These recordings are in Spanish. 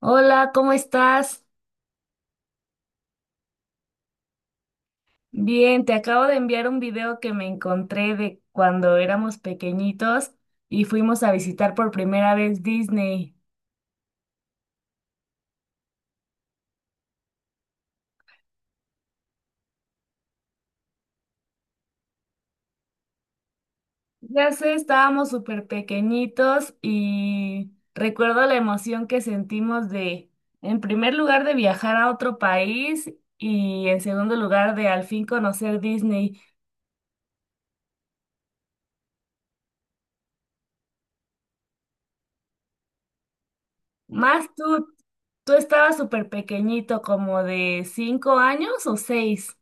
Hola, ¿cómo estás? Bien, te acabo de enviar un video que me encontré de cuando éramos pequeñitos y fuimos a visitar por primera vez Disney. Ya sé, estábamos súper pequeñitos y recuerdo la emoción que sentimos de, en primer lugar, de viajar a otro país y en segundo lugar, de al fin conocer Disney. Más tú estabas súper pequeñito, como de 5 años o 6.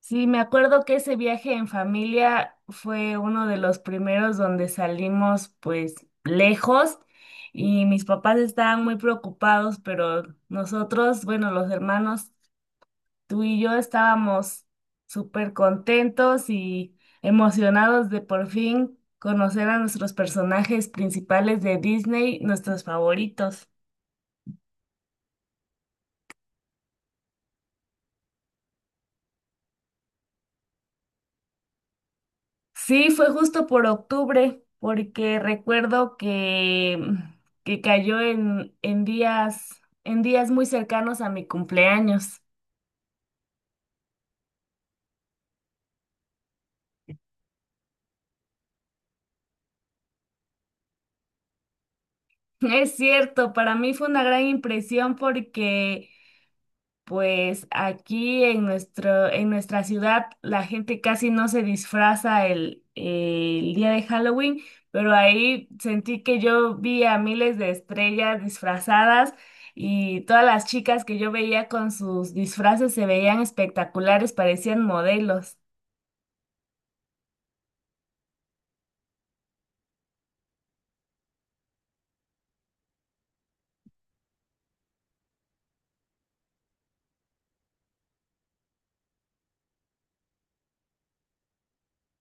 Sí, me acuerdo que ese viaje en familia fue uno de los primeros donde salimos pues lejos y mis papás estaban muy preocupados, pero nosotros, bueno, los hermanos, tú y yo estábamos súper contentos y emocionados de por fin conocer a nuestros personajes principales de Disney, nuestros favoritos. Sí, fue justo por octubre, porque recuerdo que cayó en días muy cercanos a mi cumpleaños. Es cierto, para mí fue una gran impresión porque pues aquí en nuestra ciudad la gente casi no se disfraza el día de Halloween, pero ahí sentí que yo vi a miles de estrellas disfrazadas y todas las chicas que yo veía con sus disfraces se veían espectaculares, parecían modelos.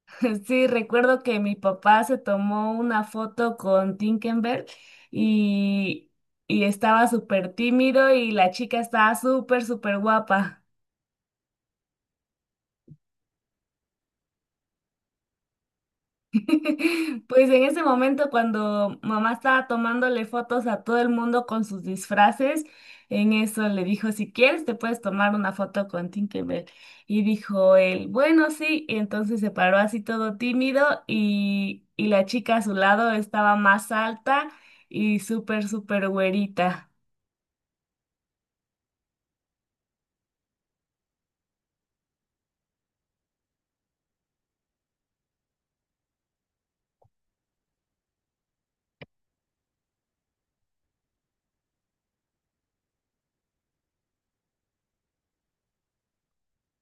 Sí, recuerdo que mi papá se tomó una foto con Tinkenberg y, y estaba súper tímido y la chica estaba súper, súper guapa. Pues en ese momento cuando mamá estaba tomándole fotos a todo el mundo con sus disfraces, en eso le dijo, si quieres te puedes tomar una foto con Tinkerbell. Y dijo él, bueno, sí. Y entonces se paró así todo tímido y la chica a su lado estaba más alta y súper, súper güerita.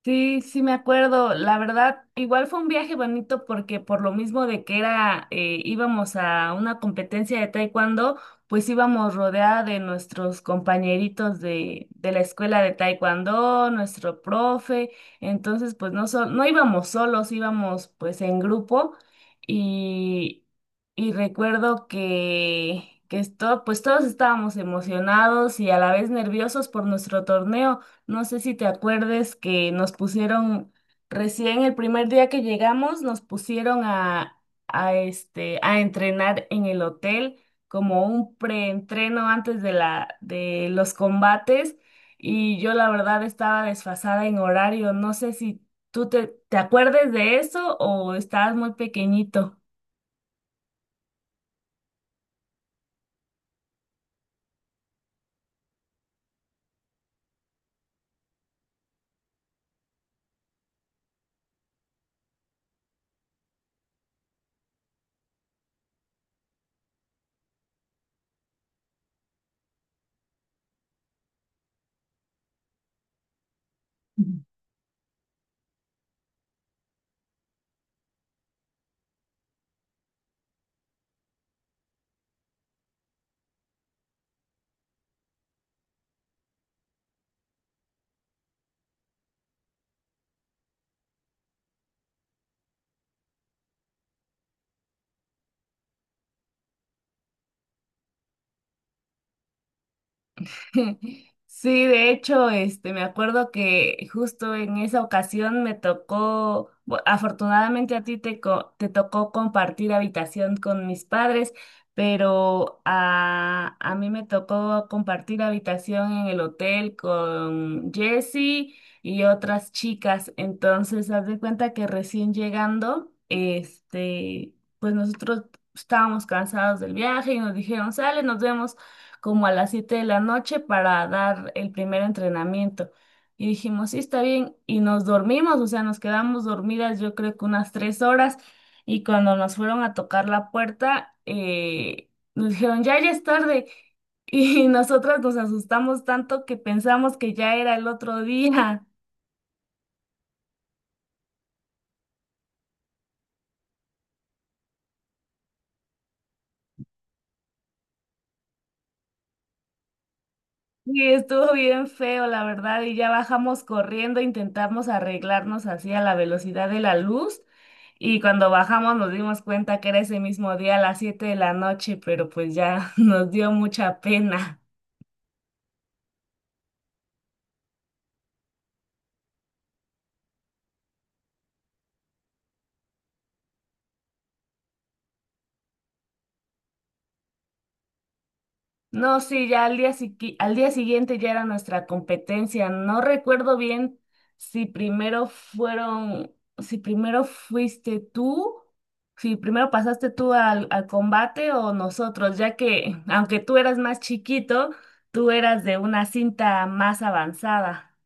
Sí, sí me acuerdo. La verdad, igual fue un viaje bonito porque por lo mismo de que era, íbamos a una competencia de taekwondo, pues íbamos rodeada de nuestros compañeritos de la escuela de taekwondo, nuestro profe. Entonces, pues no, no íbamos solos, íbamos pues en grupo y, y recuerdo que esto, pues todos estábamos emocionados y a la vez nerviosos por nuestro torneo. No sé si te acuerdes que nos pusieron, recién el primer día que llegamos, nos pusieron a entrenar en el hotel como un preentreno antes de los combates y yo la verdad estaba desfasada en horario. No sé si tú te acuerdes de eso o estabas muy pequeñito. Sí, de hecho, este, me acuerdo que justo en esa ocasión me tocó, afortunadamente a ti te tocó compartir habitación con mis padres, pero a mí me tocó compartir habitación en el hotel con Jessie y otras chicas. Entonces, haz de cuenta que recién llegando, este, pues nosotros estábamos cansados del viaje y nos dijeron, sale, nos vemos como a las 7 de la noche para dar el primer entrenamiento. Y dijimos, sí, está bien. Y nos dormimos, o sea, nos quedamos dormidas yo creo que unas 3 horas. Y cuando nos fueron a tocar la puerta, nos dijeron, ya, ya es tarde. Y nosotras nos asustamos tanto que pensamos que ya era el otro día. Sí, estuvo bien feo, la verdad, y ya bajamos corriendo, intentamos arreglarnos así a la velocidad de la luz, y cuando bajamos nos dimos cuenta que era ese mismo día a las 7 de la noche, pero pues ya nos dio mucha pena. No, sí, ya al día, al día siguiente ya era nuestra competencia. No recuerdo bien si primero fueron, si primero fuiste tú, si primero pasaste tú al combate o nosotros, ya que aunque tú eras más chiquito, tú eras de una cinta más avanzada.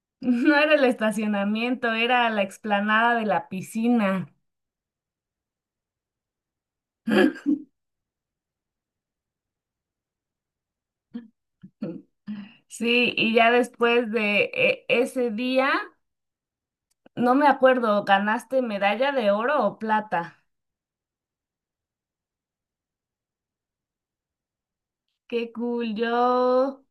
No era el estacionamiento, era la explanada de la piscina. Sí, y ya después de ese día. No me acuerdo, ¿ganaste medalla de oro o plata? Qué cool, yo.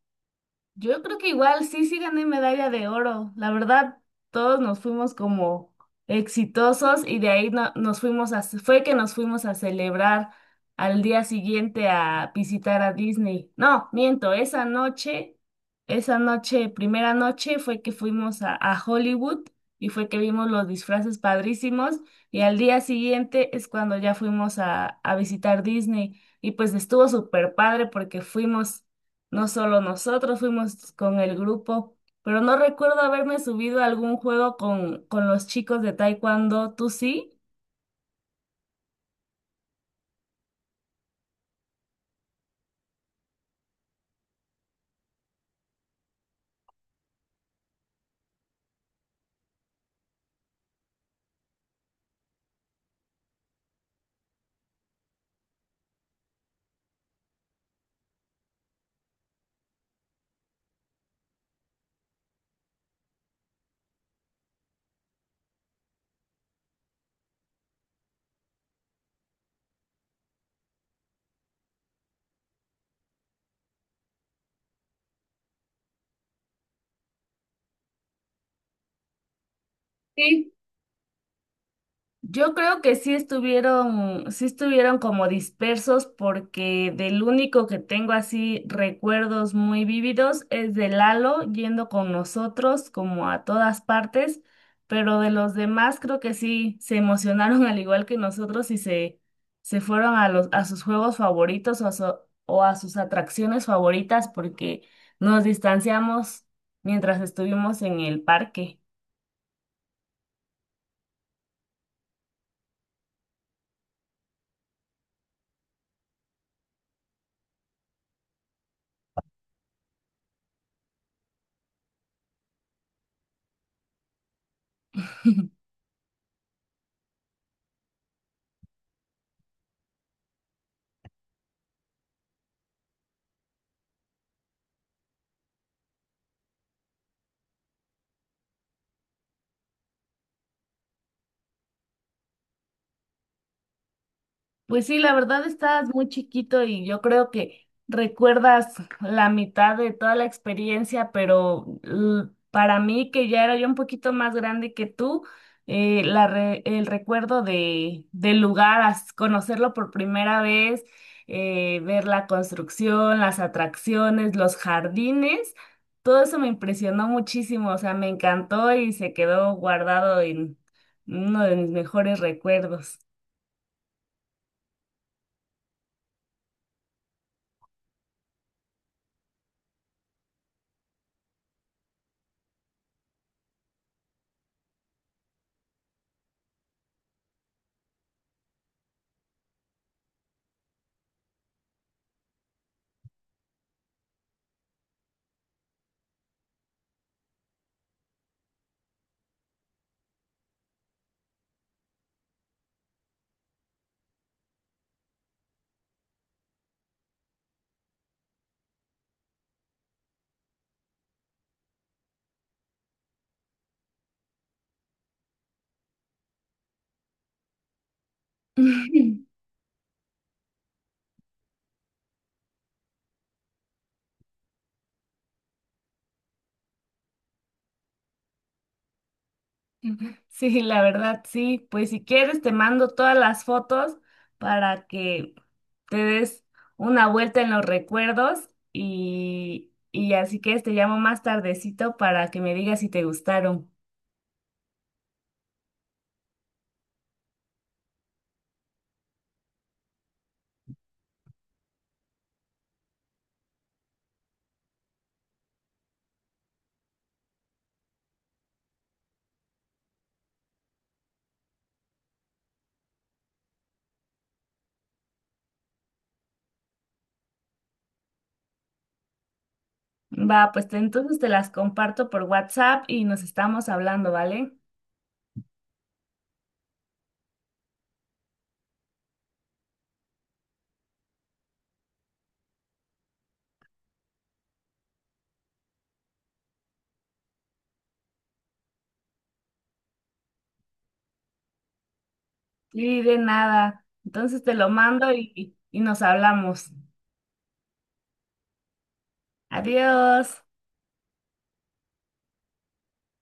Yo creo que igual sí, sí gané medalla de oro. La verdad, todos nos fuimos como exitosos y de ahí nos fuimos fue que nos fuimos a celebrar al día siguiente a visitar a Disney. No, miento, esa noche, primera noche fue que fuimos a Hollywood y fue que vimos los disfraces padrísimos y al día siguiente es cuando ya fuimos a visitar Disney y pues estuvo súper padre porque fuimos no solo nosotros fuimos con el grupo, pero no recuerdo haberme subido a algún juego con los chicos de Taekwondo. ¿Tú sí? Sí, yo creo que sí estuvieron como dispersos porque del único que tengo así recuerdos muy vívidos es de Lalo yendo con nosotros como a todas partes, pero de los demás creo que sí se emocionaron al igual que nosotros y se fueron a sus juegos favoritos o o a sus atracciones favoritas porque nos distanciamos mientras estuvimos en el parque. Pues sí, la verdad estás muy chiquito y yo creo que recuerdas la mitad de toda la experiencia, pero para mí, que ya era yo un poquito más grande que tú, el recuerdo de, del lugar, as- conocerlo por primera vez, ver la construcción, las atracciones, los jardines, todo eso me impresionó muchísimo, o sea, me encantó y se quedó guardado en uno de mis mejores recuerdos. Ujú. Sí, la verdad, sí. Pues si quieres, te mando todas las fotos para que te des una vuelta en los recuerdos y así que te llamo más tardecito para que me digas si te gustaron. Va, pues entonces te las comparto por WhatsApp y nos estamos hablando, ¿vale? Y de nada. Entonces te lo mando y nos hablamos. Adiós.